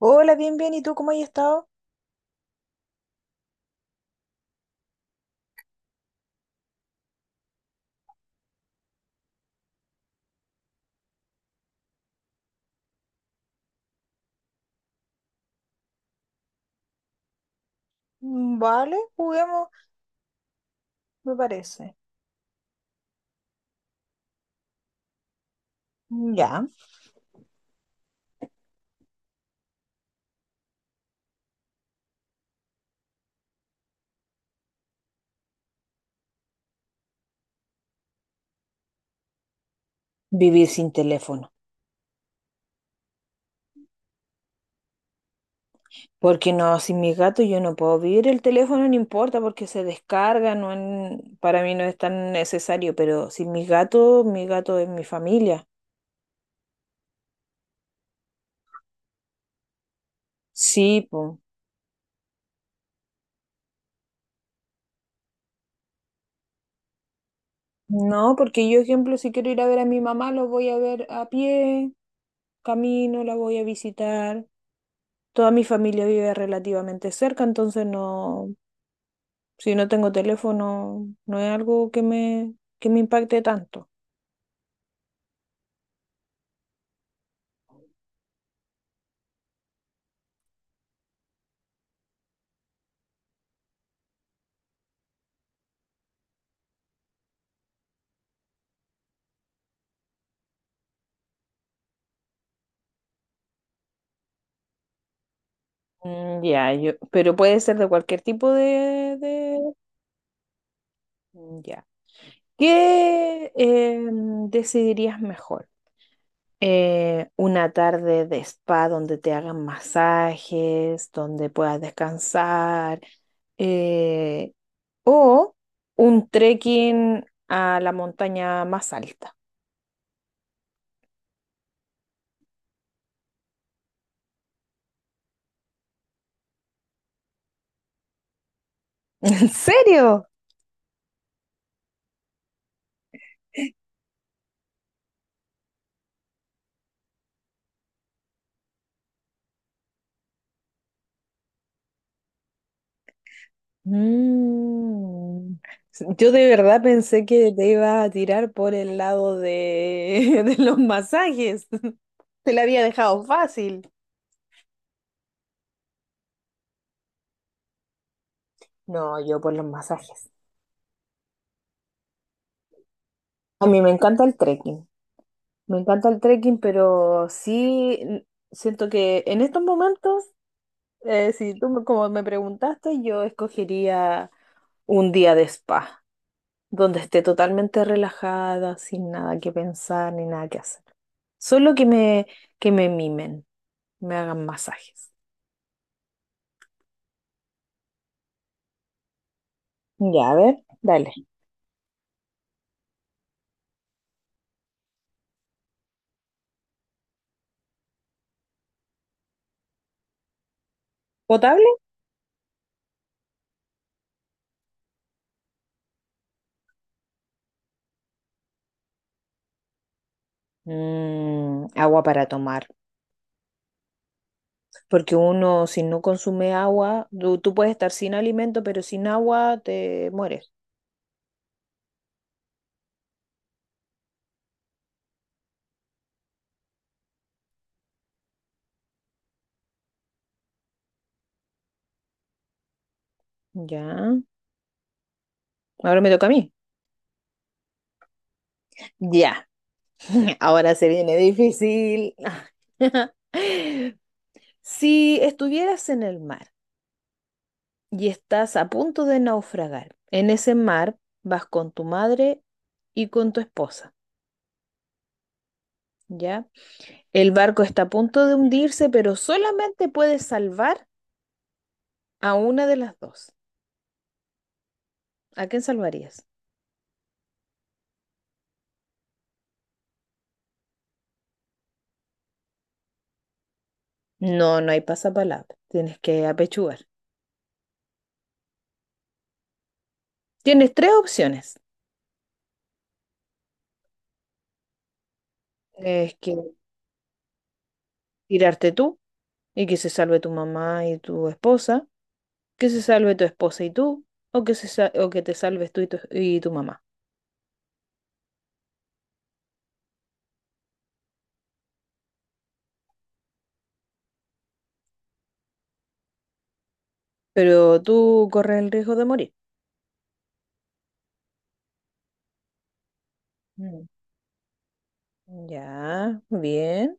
Hola, bien, bien. ¿Y tú cómo has estado? Vale, juguemos, me parece. Ya. Vivir sin teléfono. Porque no, sin mi gato yo no puedo vivir. El teléfono no importa porque se descarga, no para mí no es tan necesario, pero sin mi gato, mi gato es mi familia. Sí, po. No, porque yo, ejemplo, si quiero ir a ver a mi mamá, lo voy a ver a pie, camino, la voy a visitar. Toda mi familia vive relativamente cerca, entonces no. Si no tengo teléfono, no es algo que que me impacte tanto. Ya, yo, pero puede ser de cualquier tipo de. Ya. ¿Qué decidirías mejor? Una tarde de spa donde te hagan masajes, donde puedas descansar, eh, o un trekking a la montaña más alta. ¿En serio? Mm. Yo de verdad pensé que te iba a tirar por el lado de, de los masajes. Te la había dejado fácil. No, yo por los masajes. A mí me encanta el trekking. Me encanta el trekking, pero sí. Siento que en estos momentos, si tú como me preguntaste, yo escogería un día de spa, donde esté totalmente relajada, sin nada que pensar ni nada que hacer. Solo que que me mimen, me hagan masajes. Ya, a ver, dale. ¿Potable? Agua para tomar, porque uno si no consume agua, tú puedes estar sin alimento, pero sin agua te mueres. Ya, ahora me toca a mí. Ya, ahora se viene difícil. Si estuvieras en el mar, y estás a punto de naufragar. En ese mar vas con tu madre y con tu esposa, ¿ya? El barco está a punto de hundirse, pero solamente puedes salvar a una de las dos. ¿A quién salvarías? No, no hay pasapalabra. Tienes que apechugar. Tienes tres opciones. Es que tirarte tú y que se salve tu mamá y tu esposa, que se salve tu esposa y tú, o que, o que te salves tú y y tu mamá. Pero tú corres el riesgo de morir. Mm. Ya, bien.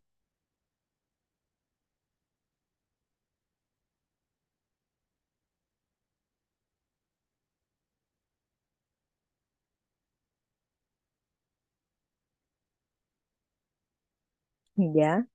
Ya.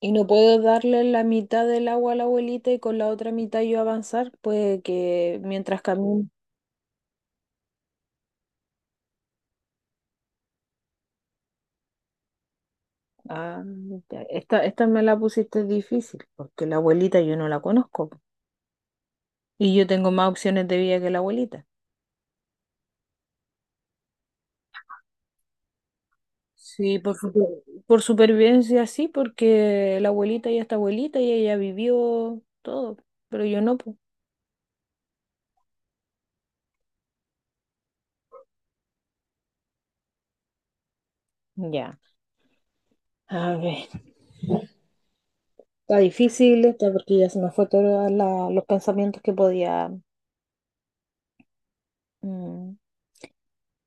¿Y no puedo darle la mitad del agua a la abuelita y con la otra mitad yo avanzar, pues, que mientras camino? Ah, ya. Esta me la pusiste difícil, porque la abuelita yo no la conozco. Y yo tengo más opciones de vida que la abuelita. Sí, por supervivencia sí, porque la abuelita ya está abuelita y ella vivió todo, pero yo no, pues. Ya. A ver. Está difícil, está porque ya se me fue todos los pensamientos que podía. mm.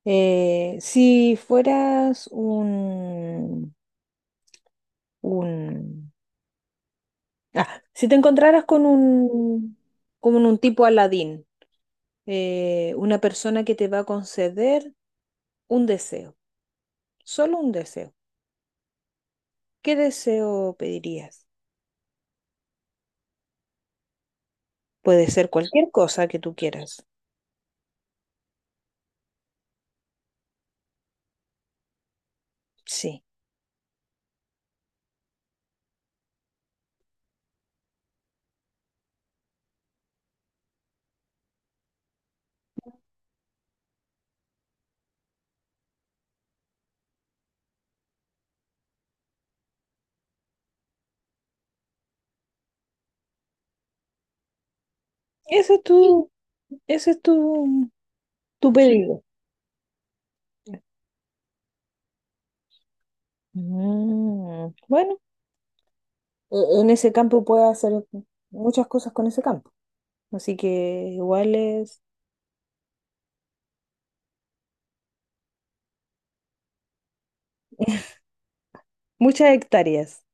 Si fueras un, ah, si te encontraras con con un tipo Aladín, una persona que te va a conceder un deseo, solo un deseo, ¿qué deseo pedirías? Puede ser cualquier cosa que tú quieras. Sí. Ese es tu, ese es tu tu pedido. Bueno. En ese campo puedes hacer muchas cosas con ese campo. Así que igual es muchas hectáreas,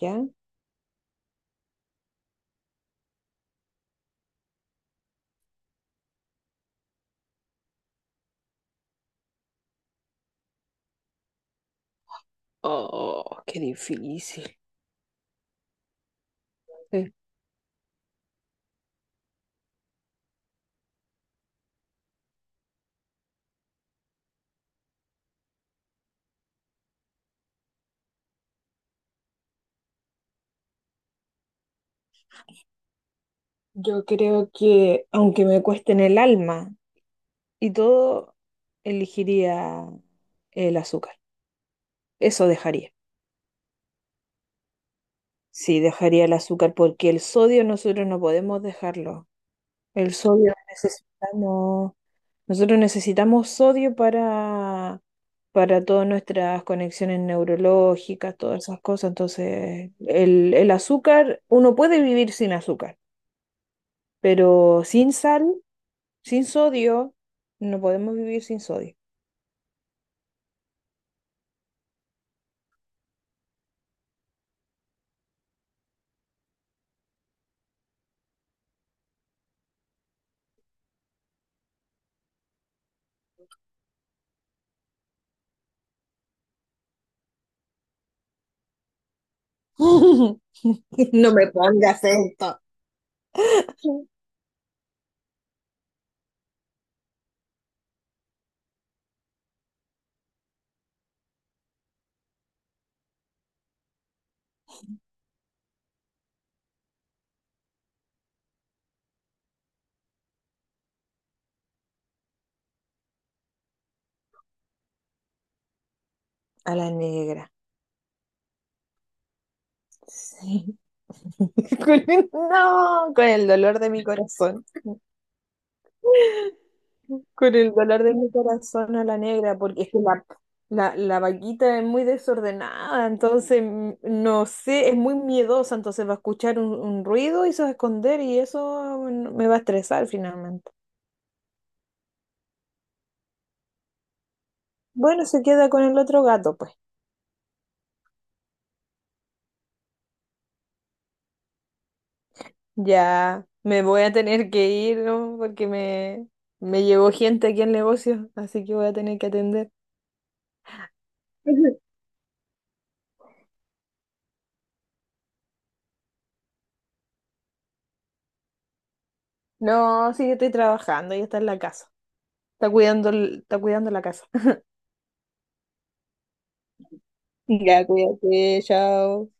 ¿ya? Oh, qué difícil. Sí. Yo creo que, aunque me cueste en el alma y todo, elegiría el azúcar. Eso dejaría. Sí, dejaría el azúcar porque el sodio nosotros no podemos dejarlo. El sodio necesitamos Nosotros necesitamos sodio para todas nuestras conexiones neurológicas, todas esas cosas. Entonces, el azúcar, uno puede vivir sin azúcar, pero sin sal, sin sodio, no podemos vivir sin sodio. No me pongas esto. A la negra. Sí. No, con el dolor de mi corazón. Con el dolor de mi corazón a la negra, porque es que la vaquita es muy desordenada, entonces no sé, es muy miedosa, entonces va a escuchar un ruido y se va a esconder y eso me va a estresar finalmente. Bueno, se queda con el otro gato, pues. Ya me voy a tener que ir, ¿no? Porque me llegó gente aquí al negocio, así que voy a tener que atender. No, sí, yo estoy trabajando, ella está en la casa. Está cuidando, está cuidando la casa. Ya, cuídate, chao.